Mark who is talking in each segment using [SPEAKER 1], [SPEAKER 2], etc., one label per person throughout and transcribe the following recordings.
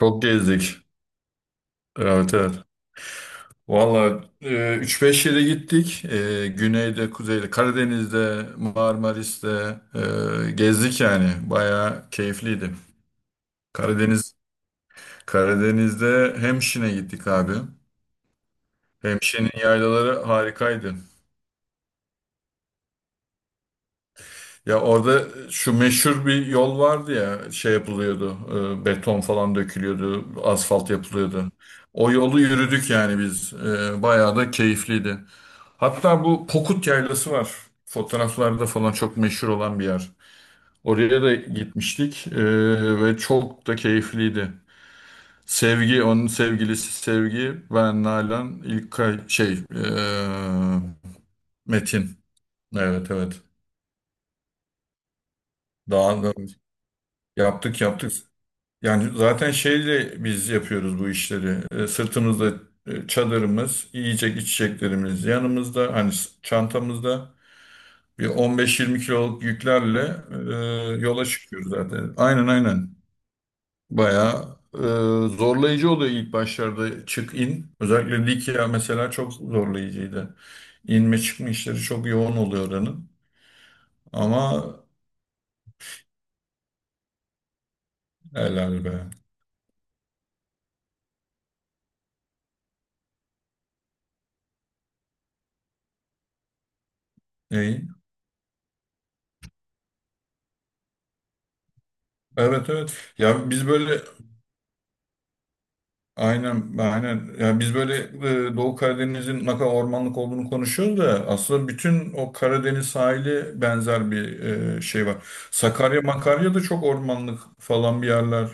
[SPEAKER 1] Çok gezdik. Evet, evet. Valla 3-5 yere gittik. Güneyde, kuzeyde, Karadeniz'de, Marmaris'te gezdik yani. Bayağı keyifliydi. Karadeniz Karadeniz'de Hemşin'e gittik abi. Hemşin'in yaylaları harikaydı. Ya orada şu meşhur bir yol vardı ya şey yapılıyordu. Beton falan dökülüyordu, asfalt yapılıyordu. O yolu yürüdük yani biz. Bayağı da keyifliydi. Hatta bu Pokut Yaylası var. Fotoğraflarda falan çok meşhur olan bir yer. Oraya da gitmiştik ve çok da keyifliydi. Sevgi, onun sevgilisi Sevgi, ben Nalan, ilk şey eee, Metin. Evet, evet. Daha da yaptık. Yani zaten şeyle biz yapıyoruz bu işleri. Sırtımızda çadırımız, yiyecek içeceklerimiz yanımızda, hani çantamızda. Bir 15-20 kiloluk yüklerle e, yola çıkıyoruz zaten. Aynen, aynen. Bayağı zorlayıcı oluyor ilk başlarda çık in. Özellikle Likya mesela çok zorlayıcıydı. İnme çıkma işleri çok yoğun oluyor oranın. Ama helal be. İyi. Evet, evet. Ya biz böyle aynen, aynen. Ya biz böyle Doğu Karadeniz'in ne kadar ormanlık olduğunu konuşuyoruz da aslında bütün o Karadeniz sahili benzer bir şey var. Sakarya, Makarya da çok ormanlık falan bir yerler.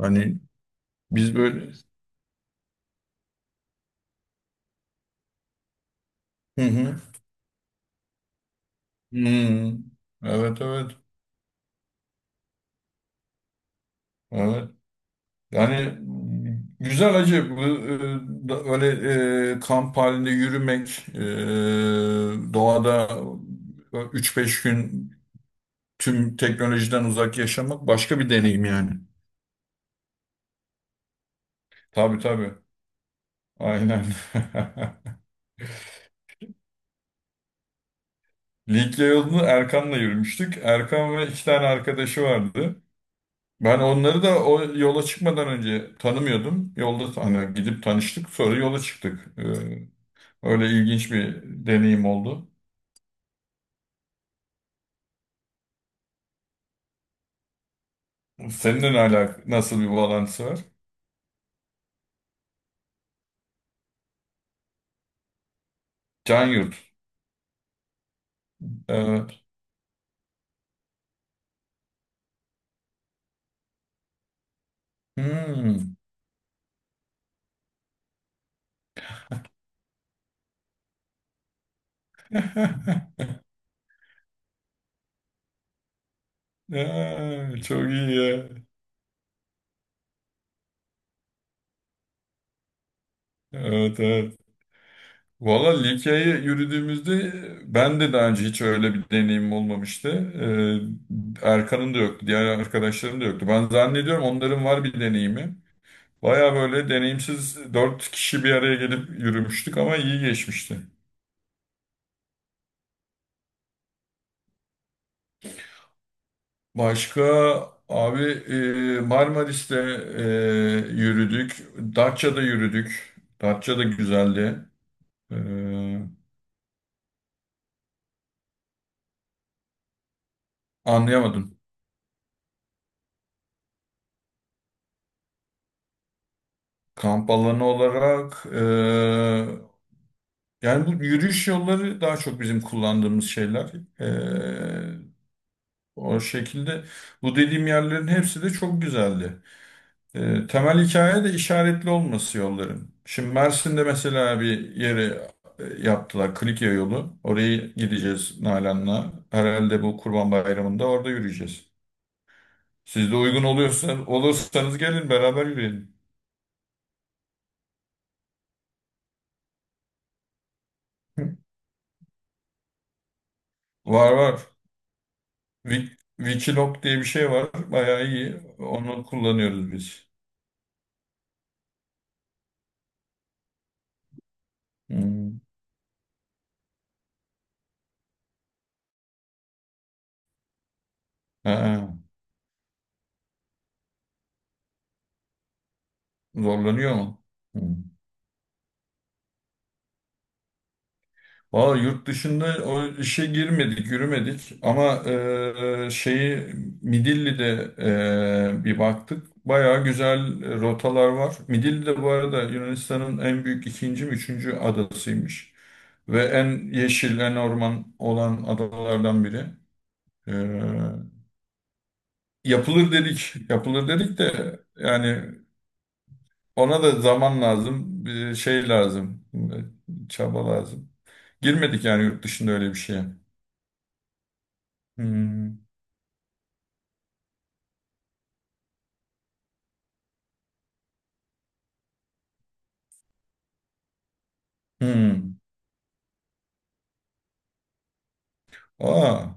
[SPEAKER 1] Hani biz böyle. Hı hı. Hmm. Evet, evet. Evet. Yani güzel acı bu öyle kamp halinde yürümek doğada üç beş gün tüm teknolojiden uzak yaşamak başka bir deneyim yani. Tabii, tabii. Aynen. Likya yolunu Erkan'la yürümüştük. Erkan ve iki tane arkadaşı vardı. Ben onları da o yola çıkmadan önce tanımıyordum. Yolda hani gidip tanıştık, sonra yola çıktık. Öyle ilginç bir deneyim oldu. Seninle ne alak nasıl bir bağlantısı var? Can Yurt. Evet. Hmm. Çok iyi ya. Evet, evet. Valla Likya'ya yürüdüğümüzde ben de daha önce hiç öyle bir deneyimim olmamıştı. Erkan'ın da yoktu, diğer arkadaşların da yoktu. Ben zannediyorum onların var bir deneyimi. Baya böyle deneyimsiz dört kişi bir araya gelip yürümüştük ama iyi geçmişti. Başka abi Marmaris'te yürüdük, Datça'da yürüdük. Datça da güzeldi. Ee, anlayamadım. Kamp alanı olarak yani bu yürüyüş yolları daha çok bizim kullandığımız şeyler. Ee, O şekilde bu dediğim yerlerin hepsi de çok güzeldi. Temel hikaye de işaretli olması yolların. Şimdi Mersin'de mesela bir yere yaptılar Klikya yolu. Oraya gideceğiz Nalan'la. Herhalde bu Kurban Bayramı'nda orada yürüyeceğiz. Siz de uygun oluyorsa, olursanız gelin beraber yürüyelim. Var, var. Wikiloc diye bir şey var. Bayağı iyi. Onu kullanıyoruz biz. Hmm. Ha, zorlanıyor mu? Hı. Valla yurt dışında o işe girmedik, yürümedik ama e, şeyi Midilli'de bir baktık. Bayağı güzel rotalar var. Midilli de bu arada Yunanistan'ın en büyük ikinci mi üçüncü adasıymış. Ve en yeşil, en orman olan adalardan biri. E, Yapılır dedik, yapılır dedik de yani ona da zaman lazım, bir şey lazım, çaba lazım. Girmedik yani yurt dışında öyle bir şeye. Hmm. Hmm. Aa,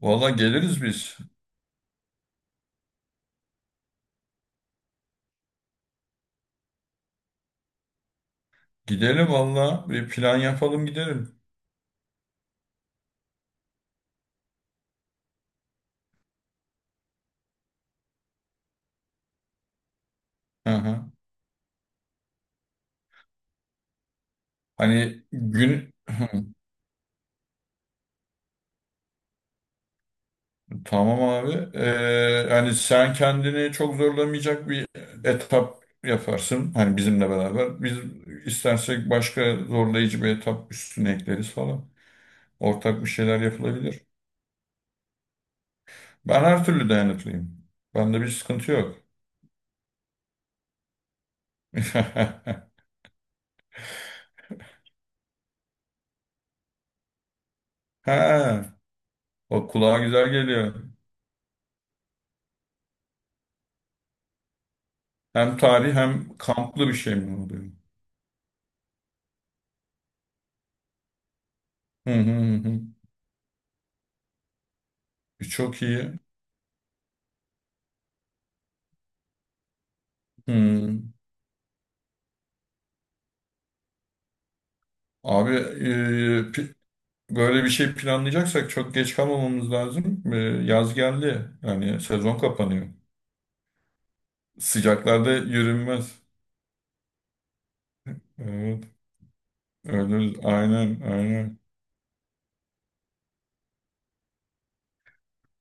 [SPEAKER 1] valla geliriz biz. Gidelim valla. Bir plan yapalım gidelim. Hı hı. Hani gün tamam abi. Hani sen kendini çok zorlamayacak bir etap yaparsın. Hani bizimle beraber. Biz istersek başka zorlayıcı bir etap üstüne ekleriz falan. Ortak bir şeyler yapılabilir. Ben her türlü dayanıklıyım. Bende bir sıkıntı yok. Ha, o kulağa güzel geliyor. Hem tarih hem kamplı bir şey mi oluyor? Hı hı hı, hı. E, çok iyi. Hı. Abi böyle bir şey planlayacaksak çok geç kalmamamız lazım. E, yaz geldi. Yani sezon kapanıyor. Sıcaklarda yürünmez. Evet. Öyle, aynen, aynen.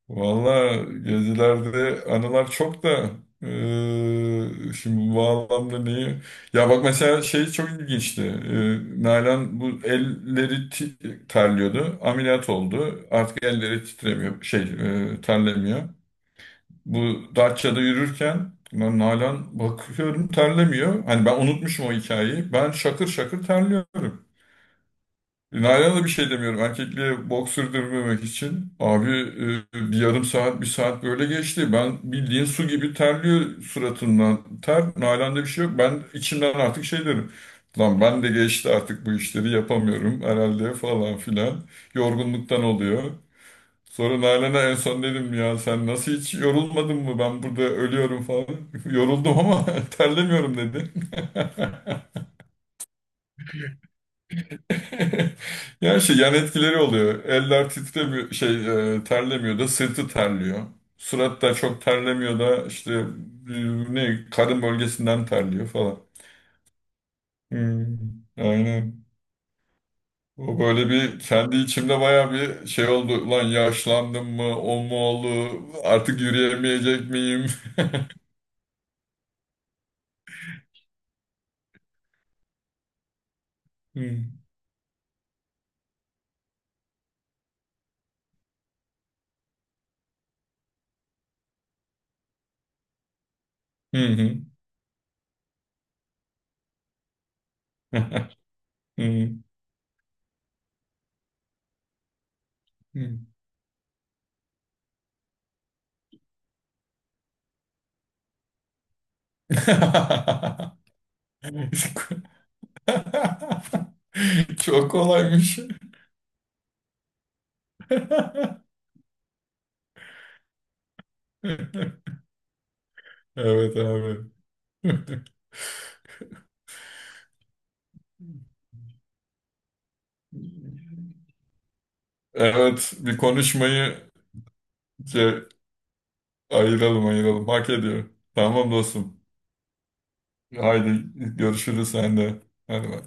[SPEAKER 1] Valla gezilerde anılar çok da eee, şimdi bu anlamda neyi? Ya bak mesela şey çok ilginçti. Nalan bu elleri terliyordu. Ameliyat oldu. Artık elleri titremiyor. Şey terlemiyor. Bu Datça'da yürürken ben Nalan bakıyorum terlemiyor. Hani ben unutmuşum o hikayeyi. Ben şakır şakır terliyorum. Nalan'a da bir şey demiyorum. Erkekliğe bok sürdürmemek için. Abi bir yarım saat, bir saat böyle geçti. Ben bildiğin su gibi terliyor suratından. Ter, Nalan'da bir şey yok. Ben içimden artık şey derim. Lan ben de geçti artık bu işleri yapamıyorum herhalde falan filan. Yorgunluktan oluyor. Sonra Nalan'a en son dedim ya sen nasıl hiç yorulmadın mı? Ben burada ölüyorum falan. Yoruldum ama terlemiyorum dedi. Yani şey yan etkileri oluyor. Eller titremiyor, şey terlemiyor da sırtı terliyor. Surat da çok terlemiyor da işte ne karın bölgesinden terliyor falan. Hmm, aynen. O böyle bir kendi içimde baya bir şey oldu. Lan yaşlandım mı? O mu oldu? Artık yürüyemeyecek miyim? Hmm. Hı hı. Hı hı. Çok kolaymış. Evet abi. Evet bir konuşmayı şey, ayıralım, ayıralım. Hak ediyor. Tamam dostum. Haydi görüşürüz sen de. Hadi bay.